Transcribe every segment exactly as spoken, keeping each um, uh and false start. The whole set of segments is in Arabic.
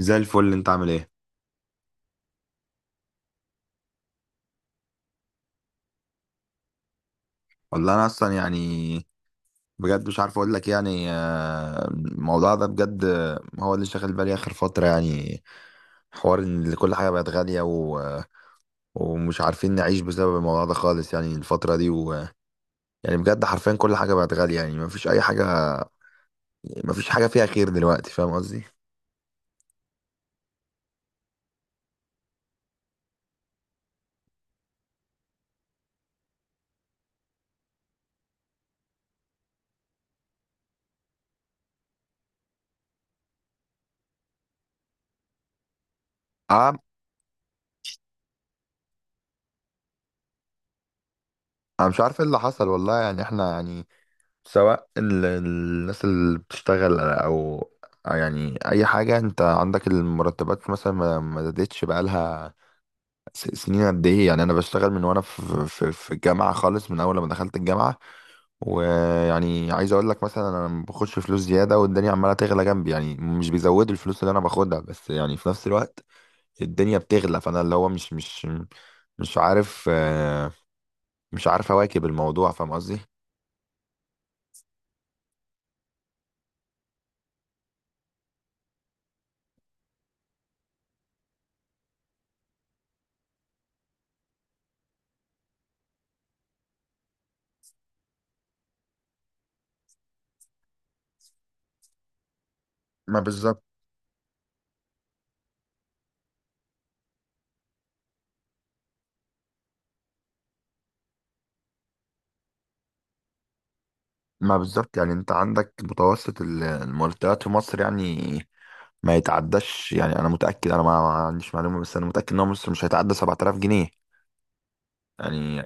زي الفل انت عامل ايه. والله انا اصلا يعني بجد مش عارف اقول لك يعني آه، الموضوع ده بجد هو اللي شاغل بالي اخر فتره يعني حوار ان كل حاجه بقت غاليه و... ومش عارفين نعيش بسبب الموضوع ده خالص يعني الفتره دي و... يعني بجد حرفيا كل حاجه بقت غاليه، يعني مفيش اي حاجه، مفيش حاجه فيها خير دلوقتي، فاهم قصدي؟ اه، انا مش عارف ايه اللي حصل والله. يعني احنا يعني سواء ال- الناس اللي بتشتغل او يعني اي حاجه، انت عندك المرتبات مثلا ما ما زادتش بقالها س- سنين قد ايه. يعني انا بشتغل من وانا في في في الجامعه خالص، من اول ما دخلت الجامعه. ويعني عايز اقول لك مثلا انا ما باخدش فلوس زياده، والدنيا عماله تغلى جنبي، يعني مش بيزودوا الفلوس اللي انا باخدها، بس يعني في نفس الوقت الدنيا بتغلى، فانا اللي هو مش مش مش عارف آه، مش عارف اواكب الموضوع، فاهم قصدي؟ ما بالظبط. ما بالظبط، يعني انت عندك متوسط ال- المرتبات في مصر يعني ما يتعداش. يعني انا متأكد، انا ما ما عنديش معلومة، بس انا متأكد ان هو مصر مش هيتعدى سبعة آلاف جنيه يعني.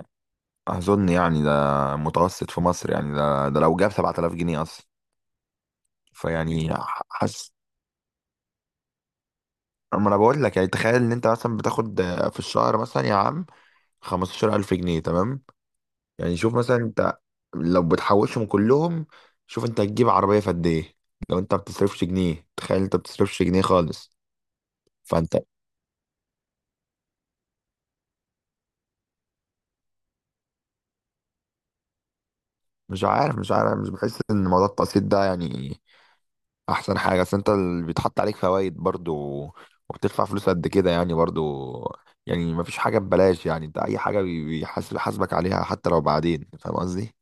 اظن يعني ده متوسط في مصر يعني، ده ده لو جاب سبعة آلاف جنيه اصلا. فيعني ح- حاسس. اما انا بقول لك يعني تخيل ان انت مثلا بتاخد في الشهر مثلا يا عم خمسة عشر الف جنيه، تمام؟ يعني شوف مثلا انت لو بتحوشهم كلهم، شوف انت هتجيب عربية في قد ايه. لو انت ما بتصرفش جنيه، تخيل انت ما بتصرفش جنيه خالص، فانت مش عارف مش عارف مش بحس ان موضوع التقسيط ده يعني احسن حاجه. اصل انت اللي بيتحط عليك فوائد برضو، وبتدفع فلوس قد كده يعني، برضو يعني مفيش حاجه ببلاش، يعني انت اي حاجه بي- بيحاسب حاسبك عليها حتى لو بعدين، فاهم قصدي؟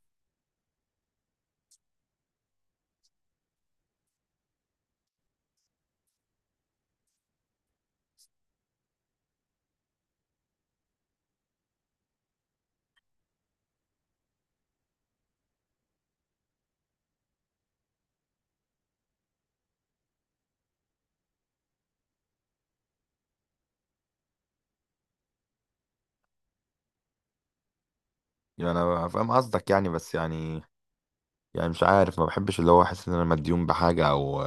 يعني انا فاهم قصدك يعني، بس يعني يعني مش عارف، ما بحبش اللي هو احس ان انا مديون بحاجه او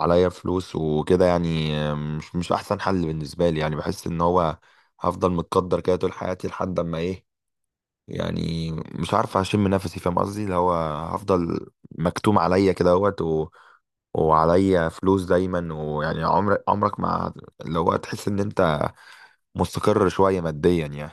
عليا فلوس وكده. يعني مش مش احسن حل بالنسبه لي، يعني بحس ان هو هفضل متقدر كده طول حياتي لحد اما ايه، يعني مش عارف اشم نفسي، فاهم قصدي؟ اللي هو هفضل مكتوم عليا كده اهوت و... وعليا فلوس دايما. ويعني عمرك عمرك ما اللي هو تحس ان انت مستقر شويه ماديا يعني.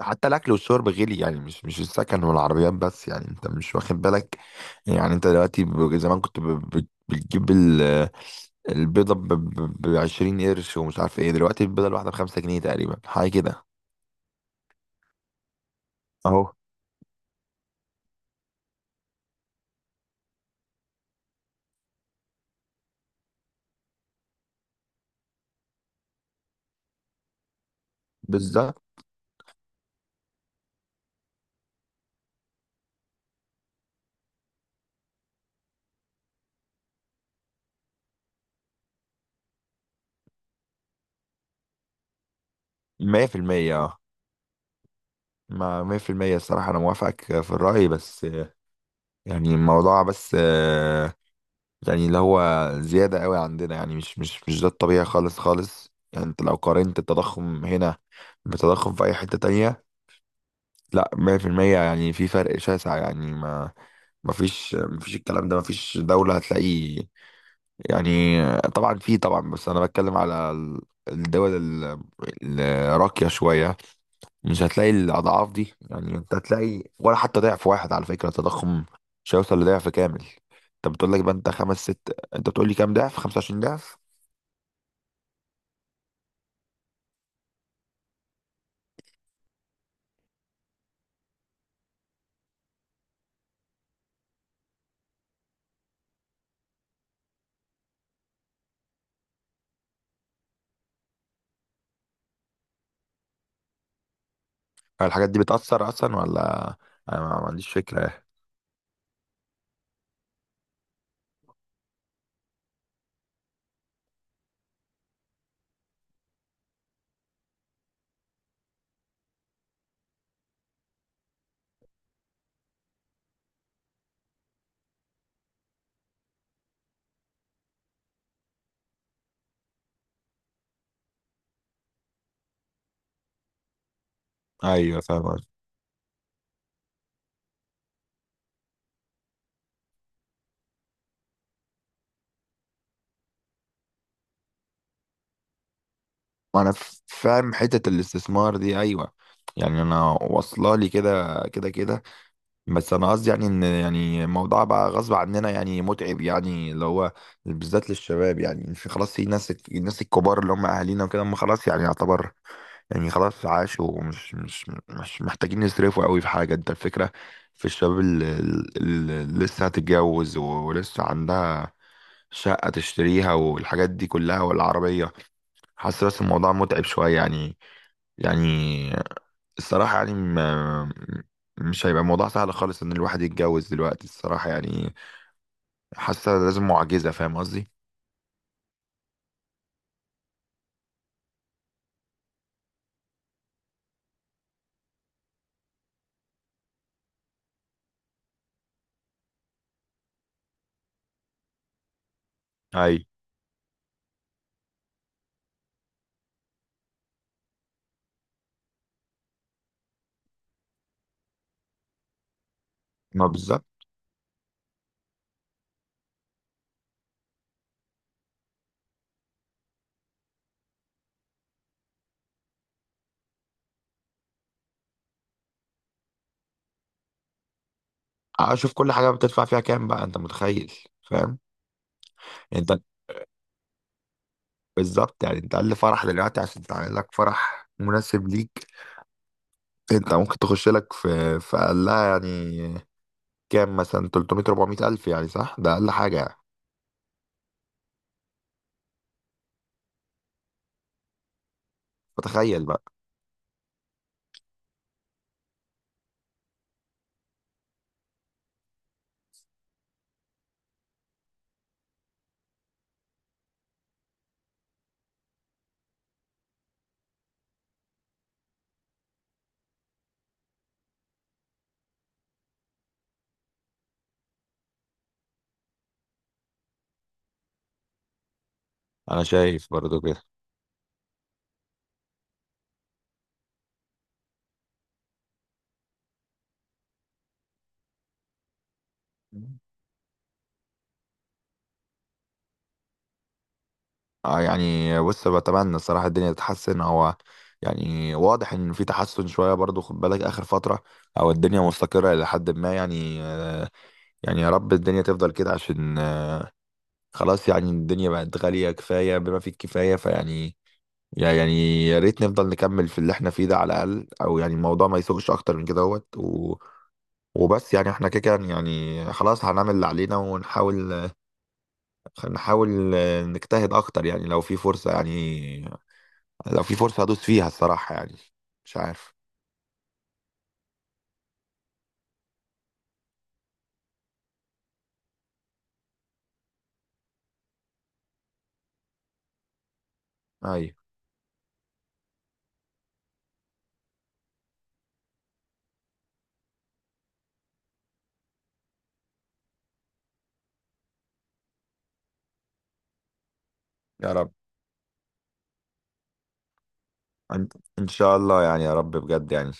حتى الاكل والشرب غلي يعني، مش مش السكن والعربيات بس، يعني انت مش واخد بالك. يعني انت دلوقتي ب- زمان كنت ب... ب- بتجيب ال... البيضه ب... ب... ب عشرين قرش، ومش عارف ايه دلوقتي البيضه الواحده ب خمسة جنيه تقريبا، حاجه كده. اهو. بالظبط. ميه في الميه. اه مع مية بالمية. الصراحة أنا موافقك في الرأي، بس آه، يعني الموضوع، بس آه، يعني اللي هو زيادة قوي عندنا، يعني مش مش مش ده الطبيعي خالص خالص. يعني أنت لو قارنت التضخم هنا بتضخم في أي حتة تانية، لا، ميه في الميه، يعني في فرق شاسع، يعني ما ما فيش ما فيش الكلام ده، ما فيش دولة هتلاقيه. يعني آه، طبعا في، طبعا، بس أنا بتكلم على ال- الدول ال- الراقية شوية، مش هتلاقي الأضعاف دي. يعني أنت هتلاقي ولا حتى ضعف واحد، على فكرة التضخم مش هيوصل لضعف كامل. أنت بتقول لك بقى، أنت خمس ست، أنت بتقول لي كام ضعف؟ خمسة وعشرين ضعف. هل الحاجات دي بتأثر أصلا ولا؟ أنا ما ما عنديش فكرة يعني. أيوه، فاهم قصدي. وأنا ف- فاهم حتة الاستثمار دي، أيوه. يعني أنا واصلة لي كده كده كده، بس أنا قصدي يعني إن يعني الموضوع بقى غصب عننا يعني، متعب يعني اللي هو بالذات للشباب. يعني في، خلاص، في ناس الناس الكبار اللي هم أهالينا وكده، هم خلاص يعني يعتبر، يعني خلاص عاشوا، ومش مش مش محتاجين يصرفوا قوي في حاجة. انت الفكرة في الشباب اللي, اللي لسه هتتجوز، و- ولسه عندها شقة تشتريها والحاجات دي كلها والعربية. حاسس بس الموضوع متعب شوية يعني. يعني الصراحة يعني ما مش هيبقى الموضوع سهل خالص ان الواحد يتجوز دلوقتي، الصراحة يعني. حاسة لازم معجزة، فاهم قصدي؟ اي. ما بالظبط. اشوف كل حاجة بتدفع فيها كام بقى، انت متخيل؟ فاهم؟ يعني انت بالظبط، يعني انت اقل فرح دلوقتي عشان تعمل لك فرح مناسب ليك، انت ممكن تخش لك في في اقلها يعني كام، مثلا ثلاثمائة، اربعميه الف يعني، صح، ده اقل حاجه يعني. فتخيل بقى. انا شايف برضو كده. اه، يعني بص، بتمنى الصراحه الدنيا تتحسن. هو يعني واضح ان في تحسن شويه برضو، خد بالك اخر فتره، او الدنيا مستقره الى حد ما يعني. آه، يعني يا رب الدنيا تفضل كده، عشان آه، خلاص، يعني الدنيا بقت غاليه كفايه بما فيه الكفايه. فيعني يا- يعني يا ريت نفضل نكمل في اللي احنا فيه ده على الأقل، أو يعني الموضوع ما يسوقش أكتر من كده اهوت. و... وبس يعني احنا كده كده يعني، خلاص، هنعمل اللي علينا، ونحاول نحاول نجتهد أكتر يعني. لو في فرصة يعني، لو في فرصة هدوس فيها الصراحة يعني. مش عارف. أيوة. يا رب. إن إن شاء الله يعني، يا رب بجد يعني.